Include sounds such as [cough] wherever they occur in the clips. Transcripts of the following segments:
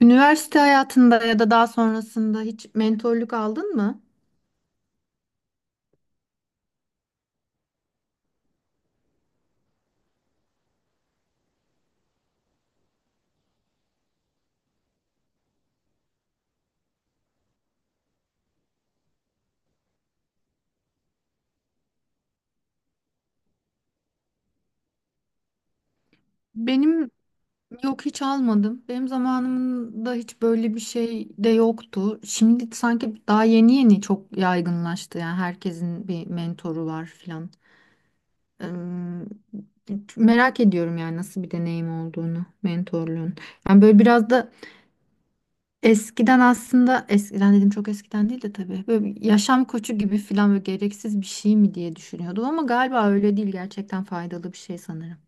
Üniversite hayatında ya da daha sonrasında hiç mentorluk aldın mı? Benim yok, hiç almadım. Benim zamanımda hiç böyle bir şey de yoktu. Şimdi sanki daha yeni yeni çok yaygınlaştı. Yani herkesin bir mentoru var filan. Eee, Merak ediyorum yani nasıl bir deneyim olduğunu, mentorluğun. Yani böyle biraz da eskiden, aslında eskiden dedim, çok eskiden değil de tabii, böyle bir yaşam koçu gibi filan böyle gereksiz bir şey mi diye düşünüyordum ama galiba öyle değil, gerçekten faydalı bir şey sanırım.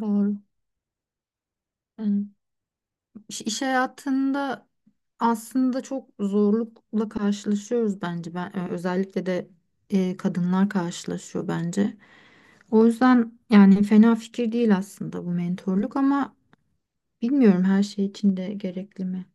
Doğru. Yani iş hayatında aslında çok zorlukla karşılaşıyoruz bence, ben özellikle de kadınlar karşılaşıyor bence. O yüzden yani fena fikir değil aslında bu mentorluk ama bilmiyorum, her şey için de gerekli mi?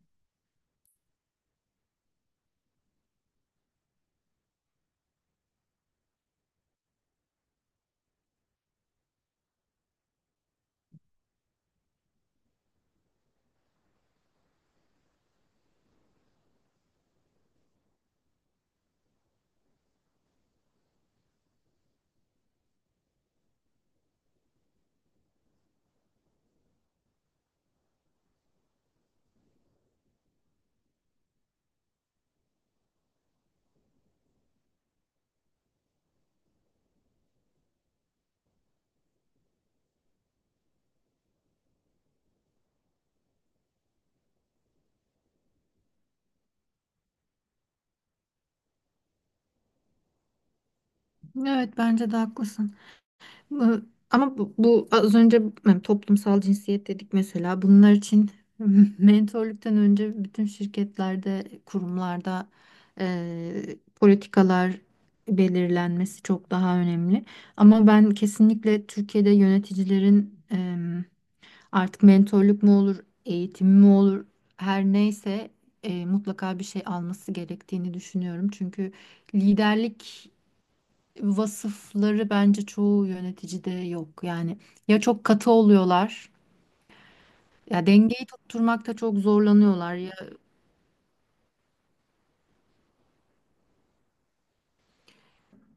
Evet, bence de haklısın. Iı, Ama bu az önce, yani toplumsal cinsiyet dedik mesela. Bunlar için [laughs] mentorluktan önce bütün şirketlerde, kurumlarda politikalar belirlenmesi çok daha önemli. Ama ben kesinlikle Türkiye'de yöneticilerin artık mentorluk mu olur, eğitim mi olur, her neyse, mutlaka bir şey alması gerektiğini düşünüyorum. Çünkü liderlik vasıfları bence çoğu yöneticide yok. Yani ya çok katı oluyorlar, ya dengeyi tutturmakta çok zorlanıyorlar ya...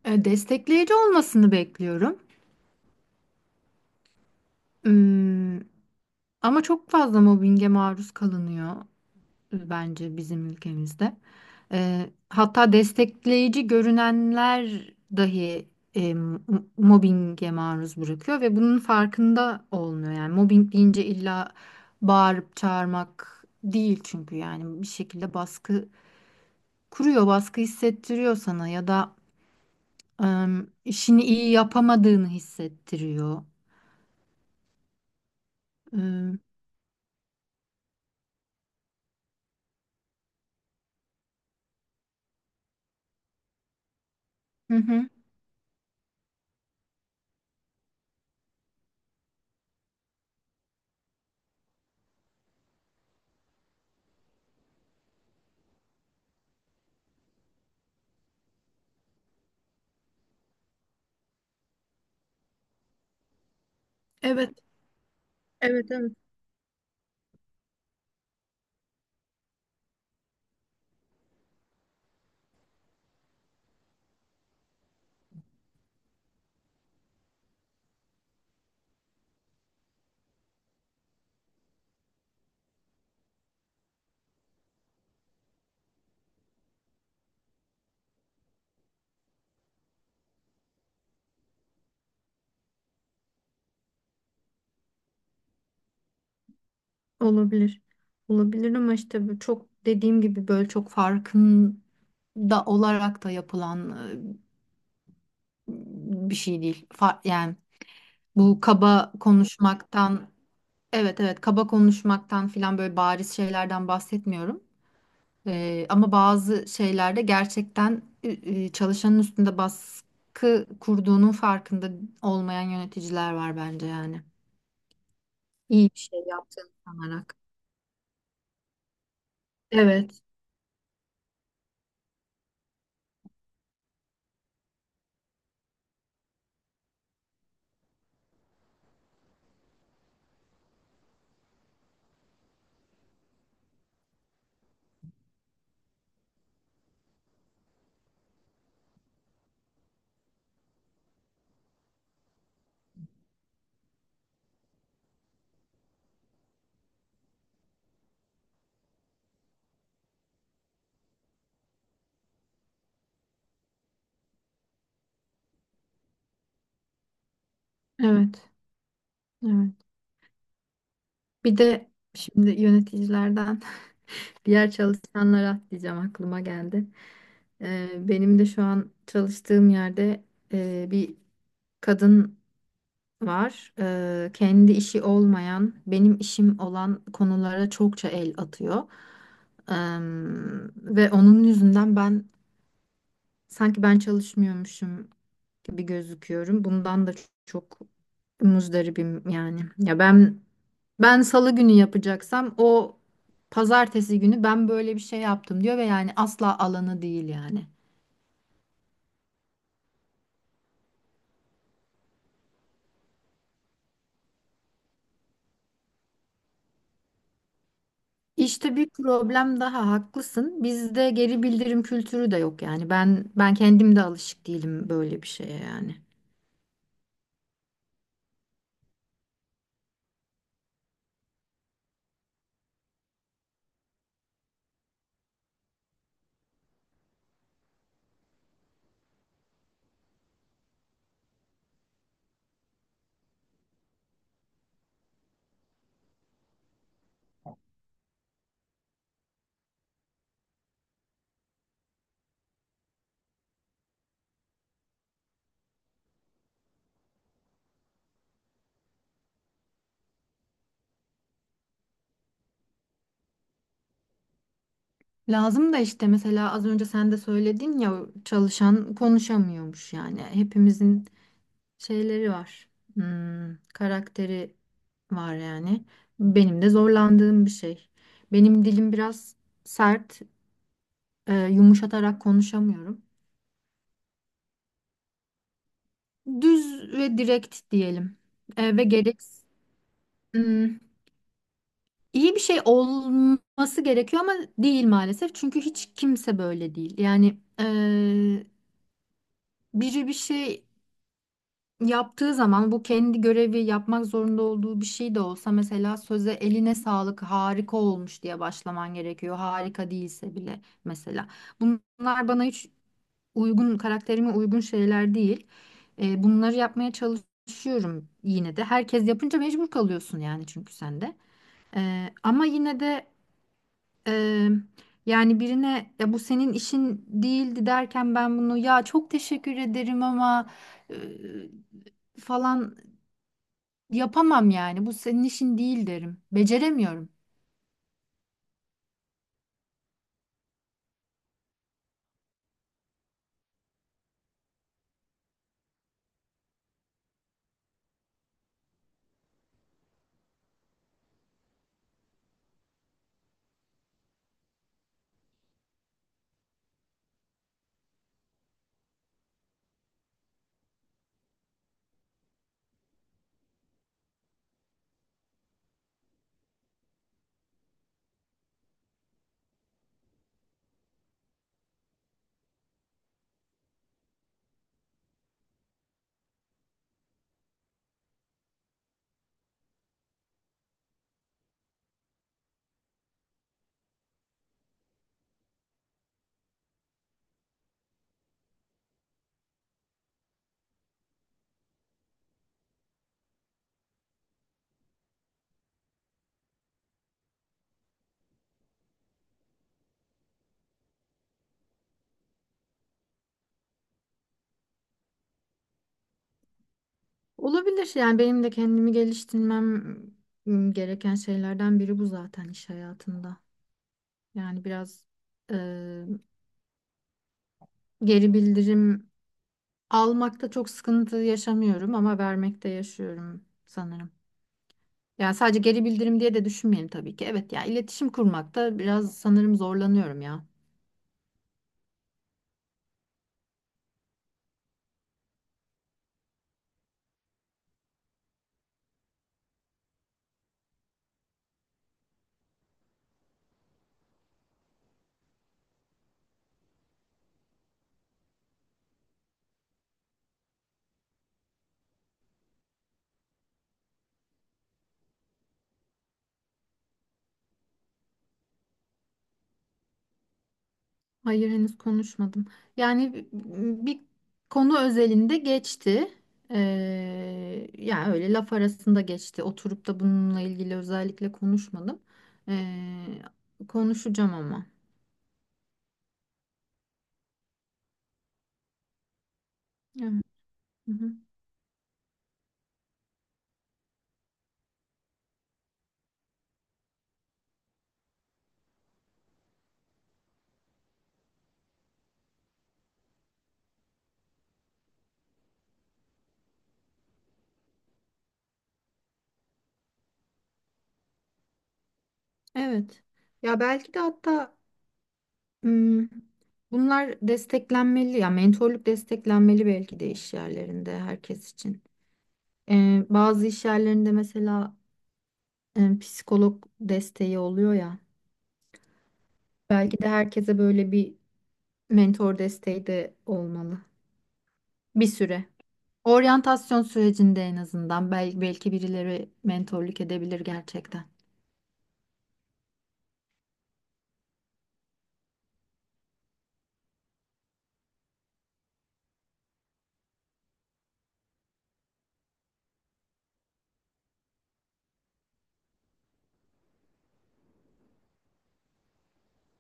Destekleyici olmasını bekliyorum. Hmm, ama çok fazla mobbinge maruz kalınıyor bence bizim ülkemizde. Hatta destekleyici görünenler dahi, eee, m- mobbinge maruz bırakıyor ve bunun farkında olmuyor. Yani mobbing deyince illa bağırıp çağırmak değil, çünkü yani bir şekilde baskı kuruyor, baskı hissettiriyor sana ya da eee, işini iyi yapamadığını hissettiriyor. Eee, hı hı. Evet, evet, evet. Olabilir. Olabilir ama işte bu çok, dediğim gibi, böyle çok farkında olarak da yapılan bir şey değil. Yani bu kaba konuşmaktan... Evet, evet, kaba konuşmaktan filan böyle bariz şeylerden bahsetmiyorum. Ama bazı şeylerde gerçekten, çalışanın üstünde baskı kurduğunun farkında olmayan yöneticiler var bence yani. İyi bir şey yaptığını sanarak. Evet, evet, evet. Bir de şimdi yöneticilerden [laughs] diğer çalışanlara diyeceğim aklıma geldi. Benim de şu an çalıştığım yerde bir kadın var. Kendi işi olmayan, benim işim olan konulara çokça el atıyor. Ee, Ve onun yüzünden ben sanki ben çalışmıyormuşum gibi gözüküyorum. Bundan da çok muzdaribim yani. Ya ben... Ben salı günü yapacaksam o pazartesi günü ben böyle bir şey yaptım diyor ve yani asla alanı değil yani. İşte bir problem daha, haklısın. Bizde geri bildirim kültürü de yok yani. Ben kendim de alışık değilim böyle bir şeye yani. Lazım da, işte mesela az önce sen de söyledin ya, çalışan konuşamıyormuş yani. Hepimizin şeyleri var. Hmm, karakteri var yani. Benim de zorlandığım bir şey. Benim dilim biraz sert. Yumuşatarak konuşamıyorum. Düz ve direkt diyelim. Ve gerek... Hmm, iyi bir şey olması gerekiyor ama değil maalesef. Çünkü hiç kimse böyle değil. Yani biri bir şey yaptığı zaman, bu kendi görevi, yapmak zorunda olduğu bir şey de olsa mesela, söze "eline sağlık, harika olmuş" diye başlaman gerekiyor. Harika değilse bile mesela. Bunlar bana hiç uygun, karakterime uygun şeyler değil. Bunları yapmaya çalışıyorum yine de. Herkes yapınca mecbur kalıyorsun yani, çünkü sen de. Ama yine de, e, yani birine "ya bu senin işin değildi" derken, ben bunu "ya çok teşekkür ederim ama e, falan yapamam" yani. "Bu senin işin değil" derim. Beceremiyorum. Olabilir, yani benim de kendimi geliştirmem gereken şeylerden biri bu zaten iş hayatında. Yani biraz e, geri bildirim almakta çok sıkıntı yaşamıyorum ama vermekte yaşıyorum sanırım. Yani sadece geri bildirim diye de düşünmeyin tabii ki. Evet, ya iletişim kurmakta biraz sanırım zorlanıyorum ya. Hayır, henüz konuşmadım. Yani bir konu özelinde geçti. Yani öyle laf arasında geçti. Oturup da bununla ilgili özellikle konuşmadım. Ee, Konuşacağım ama. Evet. Evet. Ya belki de hatta, hmm, bunlar desteklenmeli ya, mentorluk desteklenmeli belki de iş yerlerinde herkes için. Bazı iş yerlerinde mesela psikolog desteği oluyor ya. Belki de herkese böyle bir mentor desteği de olmalı bir süre. Oryantasyon sürecinde en azından belki, belki birileri mentorluk edebilir gerçekten.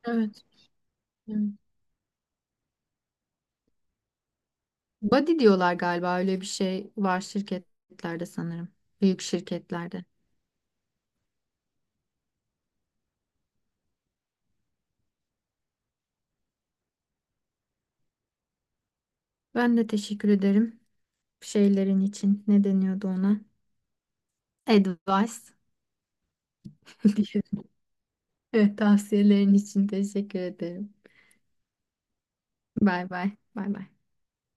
Evet. Evet. Buddy diyorlar galiba, öyle bir şey var şirketlerde sanırım. Büyük şirketlerde. Ben de teşekkür ederim şeylerin için. Ne deniyordu ona? Advice. [laughs] diye. Evet, tavsiyelerin için teşekkür ederim. Bay bay. Bay bay.